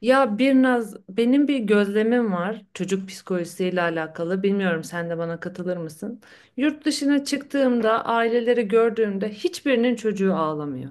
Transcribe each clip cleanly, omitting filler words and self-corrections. Ya bir naz benim bir gözlemim var çocuk psikolojisiyle alakalı. Bilmiyorum sen de bana katılır mısın? Yurt dışına çıktığımda aileleri gördüğümde hiçbirinin çocuğu ağlamıyor.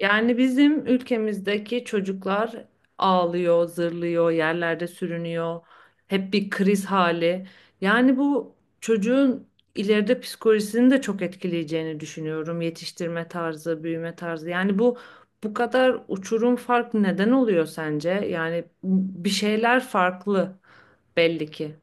Yani bizim ülkemizdeki çocuklar ağlıyor, zırlıyor, yerlerde sürünüyor. Hep bir kriz hali. Yani bu çocuğun ileride psikolojisini de çok etkileyeceğini düşünüyorum. Yetiştirme tarzı, büyüme tarzı. Yani bu kadar uçurum fark neden oluyor sence? Yani bir şeyler farklı belli ki.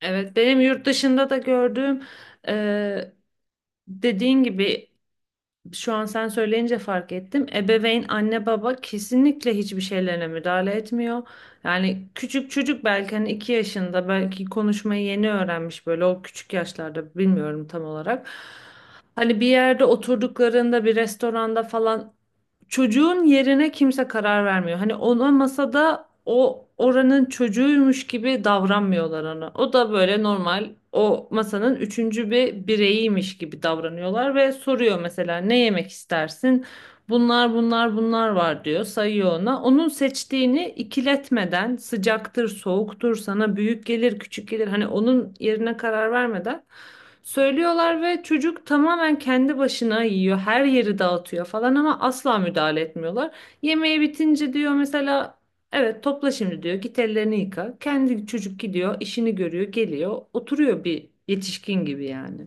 Evet, benim yurt dışında da gördüğüm e, dediğin gibi şu an sen söyleyince fark ettim. Ebeveyn, anne baba kesinlikle hiçbir şeylerine müdahale etmiyor. Yani küçük çocuk belki hani 2 yaşında belki konuşmayı yeni öğrenmiş böyle o küçük yaşlarda bilmiyorum tam olarak. Hani bir yerde oturduklarında bir restoranda falan çocuğun yerine kimse karar vermiyor. Hani ona masada o oranın çocuğuymuş gibi davranmıyorlar ona. O da böyle normal o masanın üçüncü bir bireyiymiş gibi davranıyorlar ve soruyor mesela ne yemek istersin? Bunlar var diyor sayıyor ona. Onun seçtiğini ikiletmeden sıcaktır soğuktur sana büyük gelir küçük gelir hani onun yerine karar vermeden söylüyorlar ve çocuk tamamen kendi başına yiyor. Her yeri dağıtıyor falan ama asla müdahale etmiyorlar. Yemeği bitince diyor mesela evet topla şimdi diyor git ellerini yıka. Kendi çocuk gidiyor işini görüyor geliyor oturuyor bir yetişkin gibi yani.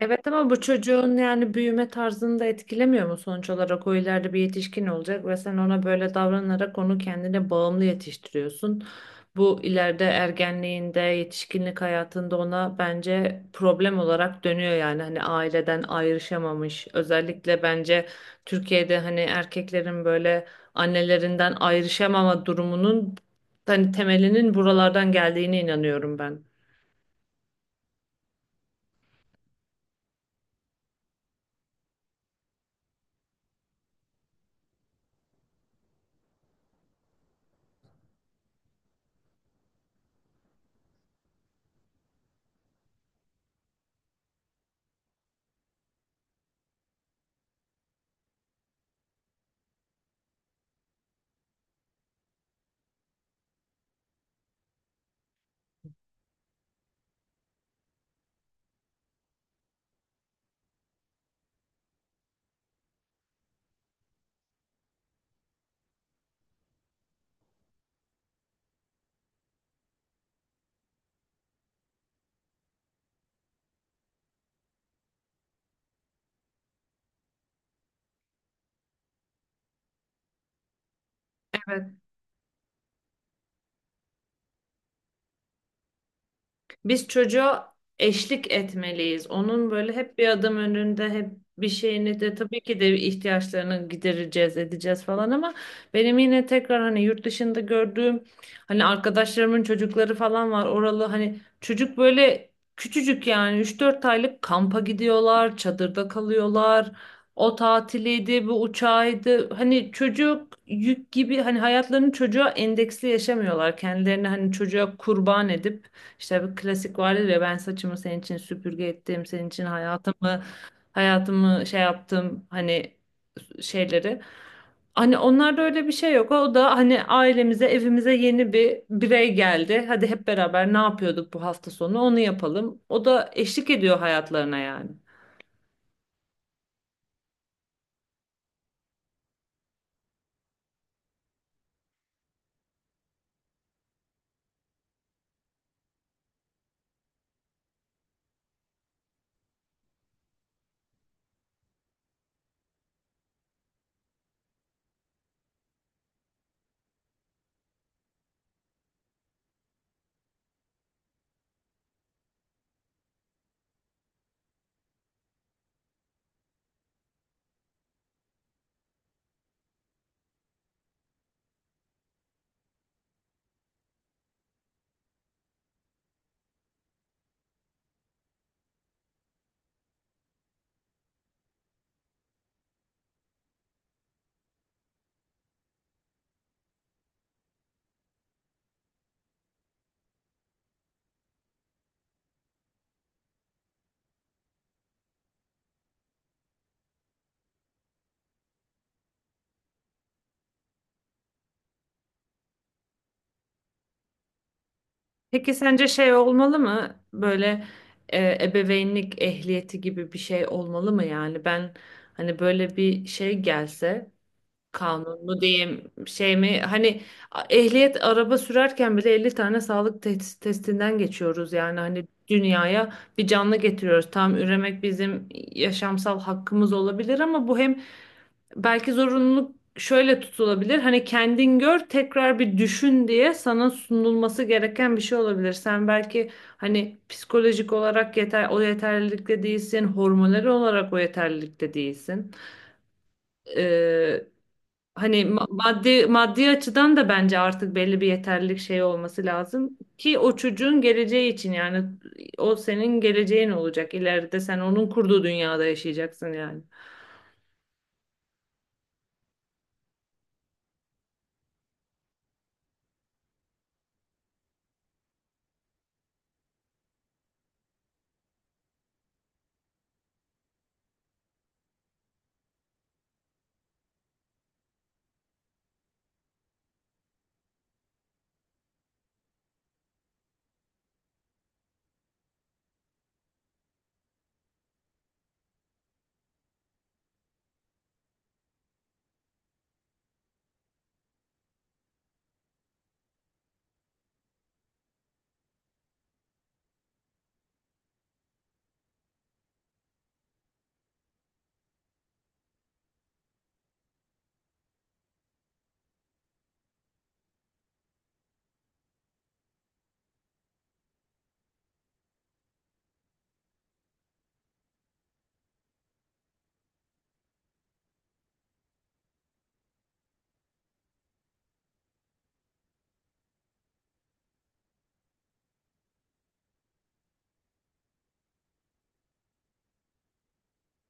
Evet ama bu çocuğun yani büyüme tarzını da etkilemiyor mu sonuç olarak? O ileride bir yetişkin olacak ve sen ona böyle davranarak onu kendine bağımlı yetiştiriyorsun. Bu ileride ergenliğinde, yetişkinlik hayatında ona bence problem olarak dönüyor yani hani aileden ayrışamamış. Özellikle bence Türkiye'de hani erkeklerin böyle annelerinden ayrışamama durumunun hani temelinin buralardan geldiğine inanıyorum ben. Biz çocuğa eşlik etmeliyiz. Onun böyle hep bir adım önünde, hep bir şeyini de tabii ki de ihtiyaçlarını gidereceğiz, edeceğiz falan ama benim yine tekrar hani yurt dışında gördüğüm hani arkadaşlarımın çocukları falan var. Oralı hani çocuk böyle küçücük yani 3-4 aylık kampa gidiyorlar, çadırda kalıyorlar. O tatiliydi, bu uçağıydı. Hani çocuk yük gibi hani hayatlarını çocuğa endeksli yaşamıyorlar. Kendilerini hani çocuğa kurban edip işte bir klasik vardır ya ben saçımı senin için süpürge ettim, senin için hayatımı şey yaptım hani şeyleri. Hani onlarda öyle bir şey yok. O da hani ailemize, evimize yeni bir birey geldi. Hadi hep beraber ne yapıyorduk bu hafta sonu onu yapalım. O da eşlik ediyor hayatlarına yani. Peki sence şey olmalı mı? Böyle ebeveynlik ehliyeti gibi bir şey olmalı mı yani? Ben hani böyle bir şey gelse kanun mu diyeyim şey mi hani ehliyet araba sürerken bile 50 tane sağlık testinden geçiyoruz yani hani dünyaya bir canlı getiriyoruz. Tam üremek bizim yaşamsal hakkımız olabilir ama bu hem belki zorunluluk şöyle tutulabilir. Hani kendin gör, tekrar bir düşün diye sana sunulması gereken bir şey olabilir. Sen belki hani psikolojik olarak yeter o yeterlilikte değilsin, hormonal olarak o yeterlilikte değilsin. Hani maddi açıdan da bence artık belli bir yeterlilik şey olması lazım ki o çocuğun geleceği için yani o senin geleceğin olacak. İleride sen onun kurduğu dünyada yaşayacaksın yani.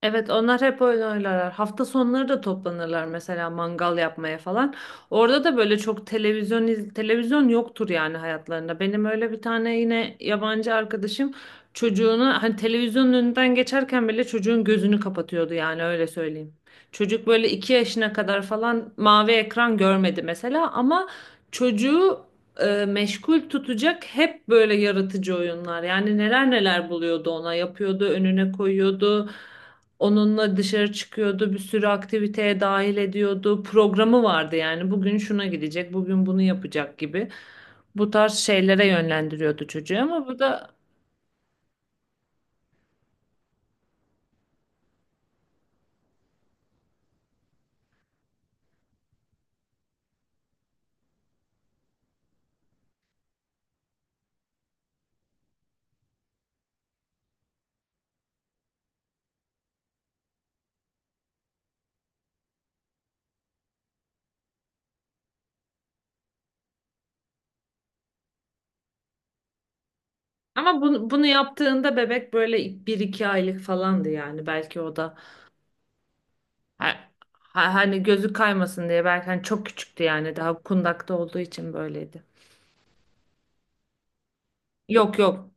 Evet onlar hep oyun oynarlar. Hafta sonları da toplanırlar mesela mangal yapmaya falan. Orada da böyle çok televizyon televizyon yoktur yani hayatlarında. Benim öyle bir tane yine yabancı arkadaşım çocuğunu hani televizyonun önünden geçerken bile çocuğun gözünü kapatıyordu yani öyle söyleyeyim. Çocuk böyle 2 yaşına kadar falan mavi ekran görmedi mesela ama çocuğu meşgul tutacak hep böyle yaratıcı oyunlar. Yani neler neler buluyordu ona yapıyordu önüne koyuyordu. Onunla dışarı çıkıyordu, bir sürü aktiviteye dahil ediyordu. Programı vardı yani bugün şuna gidecek, bugün bunu yapacak gibi. Bu tarz şeylere yönlendiriyordu çocuğu ama bu da ama bunu yaptığında bebek böyle 1-2 aylık falandı yani. Belki o da hani gözü kaymasın diye belki hani çok küçüktü yani daha kundakta olduğu için böyleydi. Yok yok